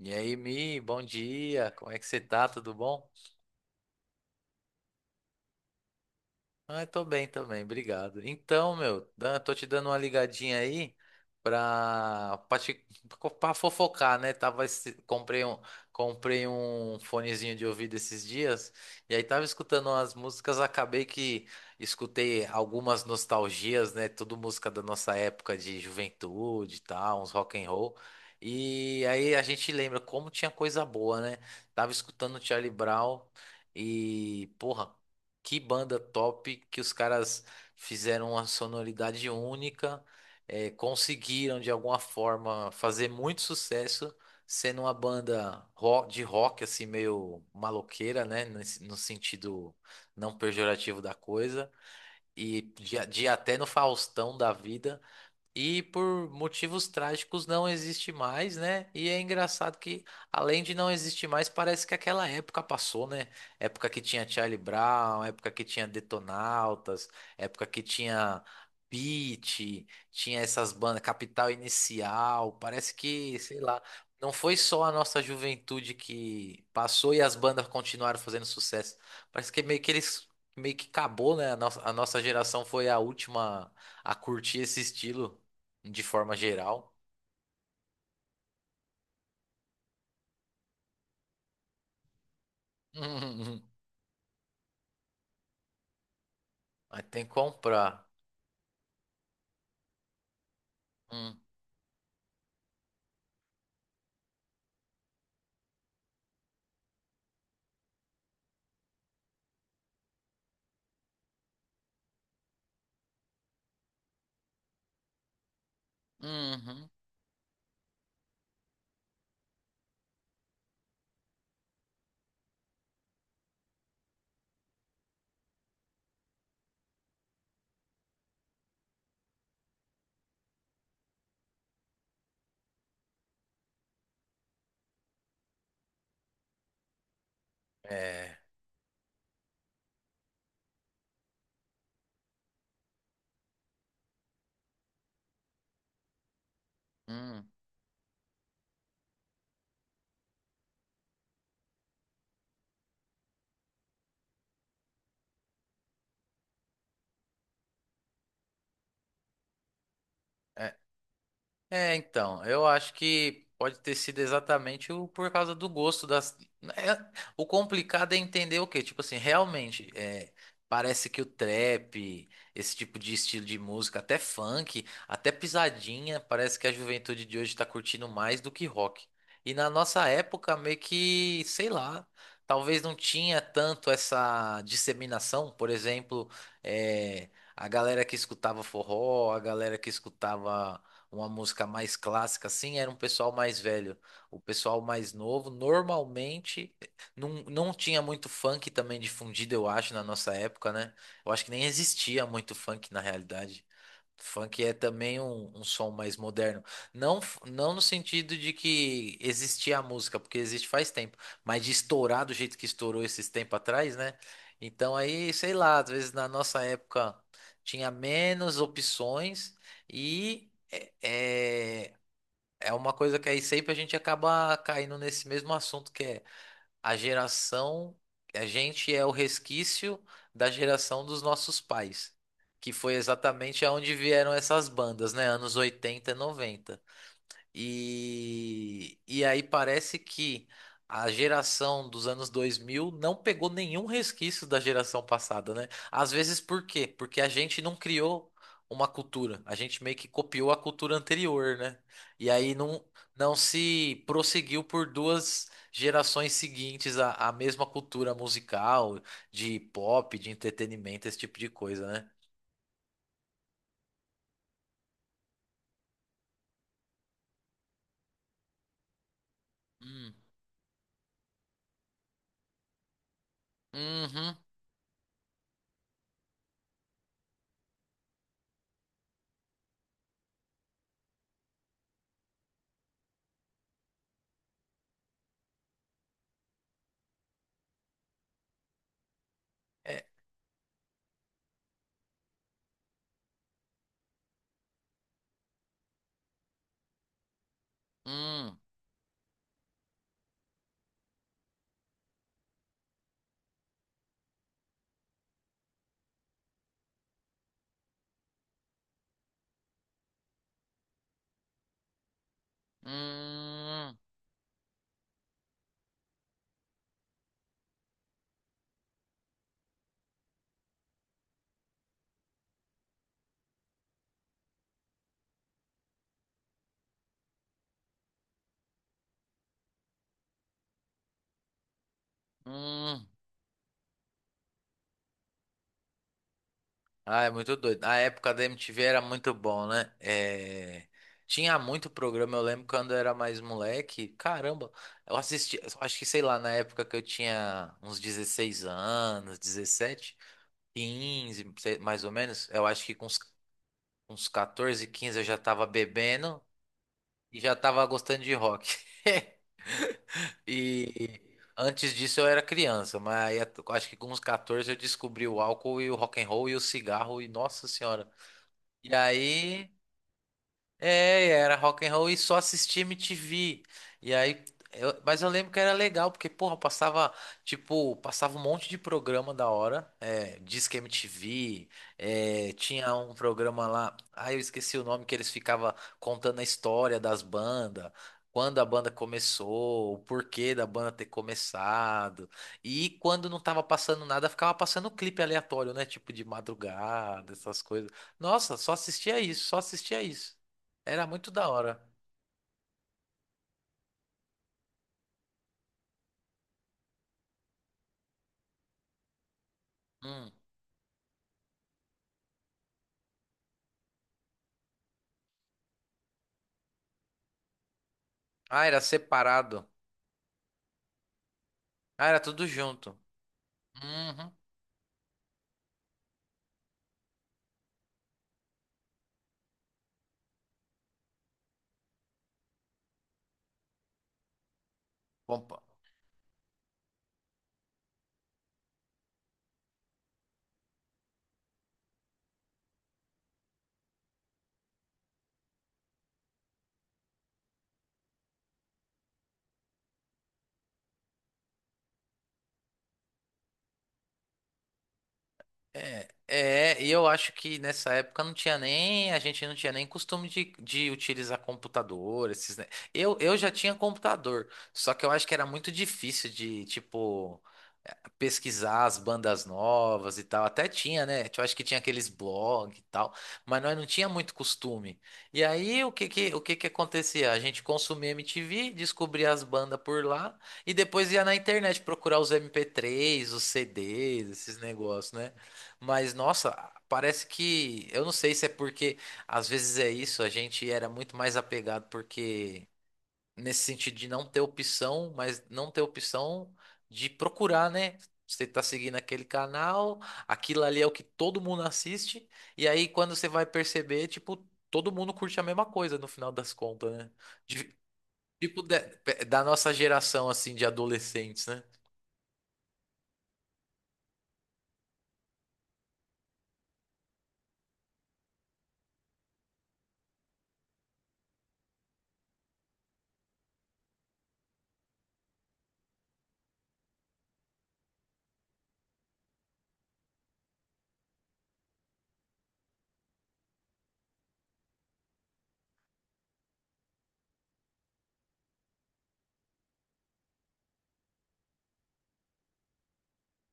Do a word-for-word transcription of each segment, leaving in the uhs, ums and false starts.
E aí, Mi, bom dia. Como é que você tá? Tudo bom? Ah, eu tô bem também, obrigado. Então, meu, dan- tô te dando uma ligadinha aí pra, pra, te- pra fofocar, né? Tava, esse- comprei um, comprei um fonezinho de ouvido esses dias e aí tava escutando umas músicas, acabei que escutei algumas nostalgias, né? Tudo música da nossa época de juventude e tal, uns rock and roll. E aí a gente lembra como tinha coisa boa, né? Tava escutando Charlie Brown. E, porra, que banda top! Que os caras fizeram uma sonoridade única, eh, conseguiram de alguma forma fazer muito sucesso, sendo uma banda ro- de rock assim meio maloqueira, né, nesse- no sentido não pejorativo da coisa, e de, de até no Faustão da vida. E por motivos trágicos não existe mais, né? E é engraçado que, além de não existir mais, parece que aquela época passou, né? Época que tinha Charlie Brown, época que tinha Detonautas, época que tinha Pitty, tinha essas bandas, Capital Inicial. Parece que, sei lá, não foi só a nossa juventude que passou e as bandas continuaram fazendo sucesso. Parece que meio que eles. Meio que acabou, né? A nossa, a nossa geração foi a última a curtir esse estilo de forma geral. Uhum. Mas tem que comprar. Hum, uhum, é, hum, é. É, então, eu acho que pode ter sido exatamente o, por causa do gosto das. É, o complicado é entender o quê? Tipo assim, realmente, é, parece que o trap, esse tipo de estilo de música, até funk, até pisadinha, parece que a juventude de hoje tá curtindo mais do que rock. E na nossa época, meio que, sei lá, talvez não tinha tanto essa disseminação, por exemplo, é, a galera que escutava forró, a galera que escutava uma música mais clássica, assim, era um pessoal mais velho. O pessoal mais novo, normalmente, não, não tinha muito funk também difundido, eu acho, na nossa época, né? Eu acho que nem existia muito funk na realidade. Funk é também um, um som mais moderno. Não, f- não no sentido de que existia a música, porque existe faz tempo, mas de estourar do jeito que estourou esses tempos atrás, né? Então aí, sei lá, às vezes na nossa época tinha menos opções. E é, é é uma coisa que aí sempre a gente acaba caindo nesse mesmo assunto que é a geração, a gente é o resquício da geração dos nossos pais, que foi exatamente aonde vieram essas bandas, né? Anos oitenta, e noventa. E, e aí parece que a geração dos anos dois mil não pegou nenhum resquício da geração passada, né? Às vezes por quê? Porque a gente não criou uma cultura, a gente meio que copiou a cultura anterior, né? E aí não, não se prosseguiu por duas gerações seguintes a, a mesma cultura musical, de pop, de entretenimento, esse tipo de coisa, né? Hum. Uhum. É. Hum. Hum. Hum. Ah, é muito doido. A época da M T V era muito bom, né? É, tinha muito programa. Eu lembro quando eu era mais moleque. Caramba, eu assisti. Eu acho que, sei lá, na época que eu tinha uns dezesseis anos, dezessete, quinze, sei- mais ou menos. Eu acho que com uns, uns quatorze, quinze eu já tava bebendo e já tava gostando de rock. E antes disso eu era criança, mas aí eu acho que com uns quatorze eu descobri o álcool e o rock and roll e o cigarro e nossa senhora. E aí É, era rock and roll e só assistia M T V. E aí, eu- mas eu lembro que era legal, porque, porra, passava, tipo, passava um monte de programa da hora. É, Disque M T V, é, tinha um programa lá, ah, eu esqueci o nome, que eles ficavam contando a história das bandas, quando a banda começou, o porquê da banda ter começado. E quando não tava passando nada, ficava passando clipe aleatório, né? Tipo, de madrugada, essas coisas. Nossa, só assistia isso, só assistia isso. Era muito da hora. Hum. Ah, era separado. Ah, era tudo junto. Uhum. Pompa. É, é, e eu acho que nessa época não tinha nem, a gente não tinha nem costume de, de utilizar computador, esses, ne- Eu, eu já tinha computador, só que eu acho que era muito difícil de, tipo, pesquisar as bandas novas e tal. Até tinha, né? Eu acho que tinha aqueles blogs e tal, mas nós não tinha muito costume. E aí o que que, o que que acontecia? A gente consumia M T V, descobria as bandas por lá e depois ia na internet procurar os M P três, os C Ds, esses negócios, né? Mas nossa, parece que eu não sei se é porque às vezes é isso, a gente era muito mais apegado porque nesse sentido de não ter opção, mas não ter opção de procurar, né? Você tá seguindo aquele canal, aquilo ali é o que todo mundo assiste, e aí quando você vai perceber, tipo, todo mundo curte a mesma coisa no final das contas, né? De- tipo, da da nossa geração, assim, de adolescentes, né?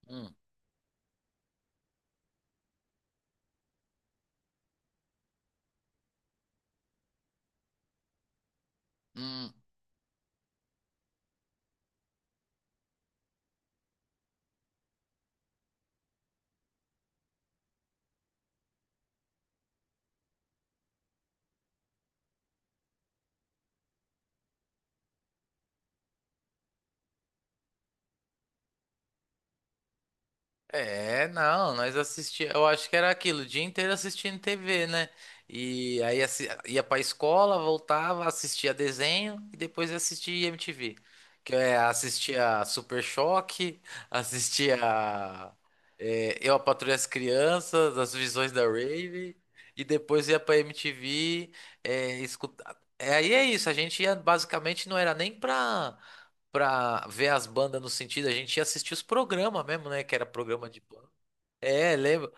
Hum. Hum. É, não, nós assistia, eu acho que era aquilo, o dia inteiro assistindo T V, né? E aí assi- ia pra escola, voltava, assistia desenho e depois assistia M T V. Que é, assistia Super Choque, assistia é, Eu, a Patroa e as Crianças, As Visões da Rave, e depois ia pra M T V, é, escutar. É, aí é isso, a gente ia basicamente não era nem pra pra ver as bandas no sentido, a gente ia assistir os programas mesmo, né? Que era programa de banda. É, lembro.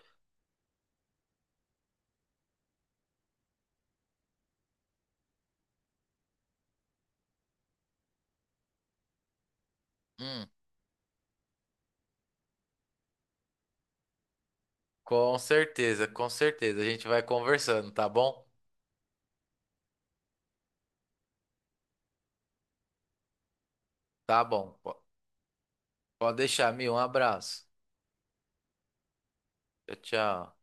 Hum, com certeza, com certeza. A gente vai conversando, tá bom? Tá bom. Po- Pode deixar, Mi. Um abraço. Tchau, tchau.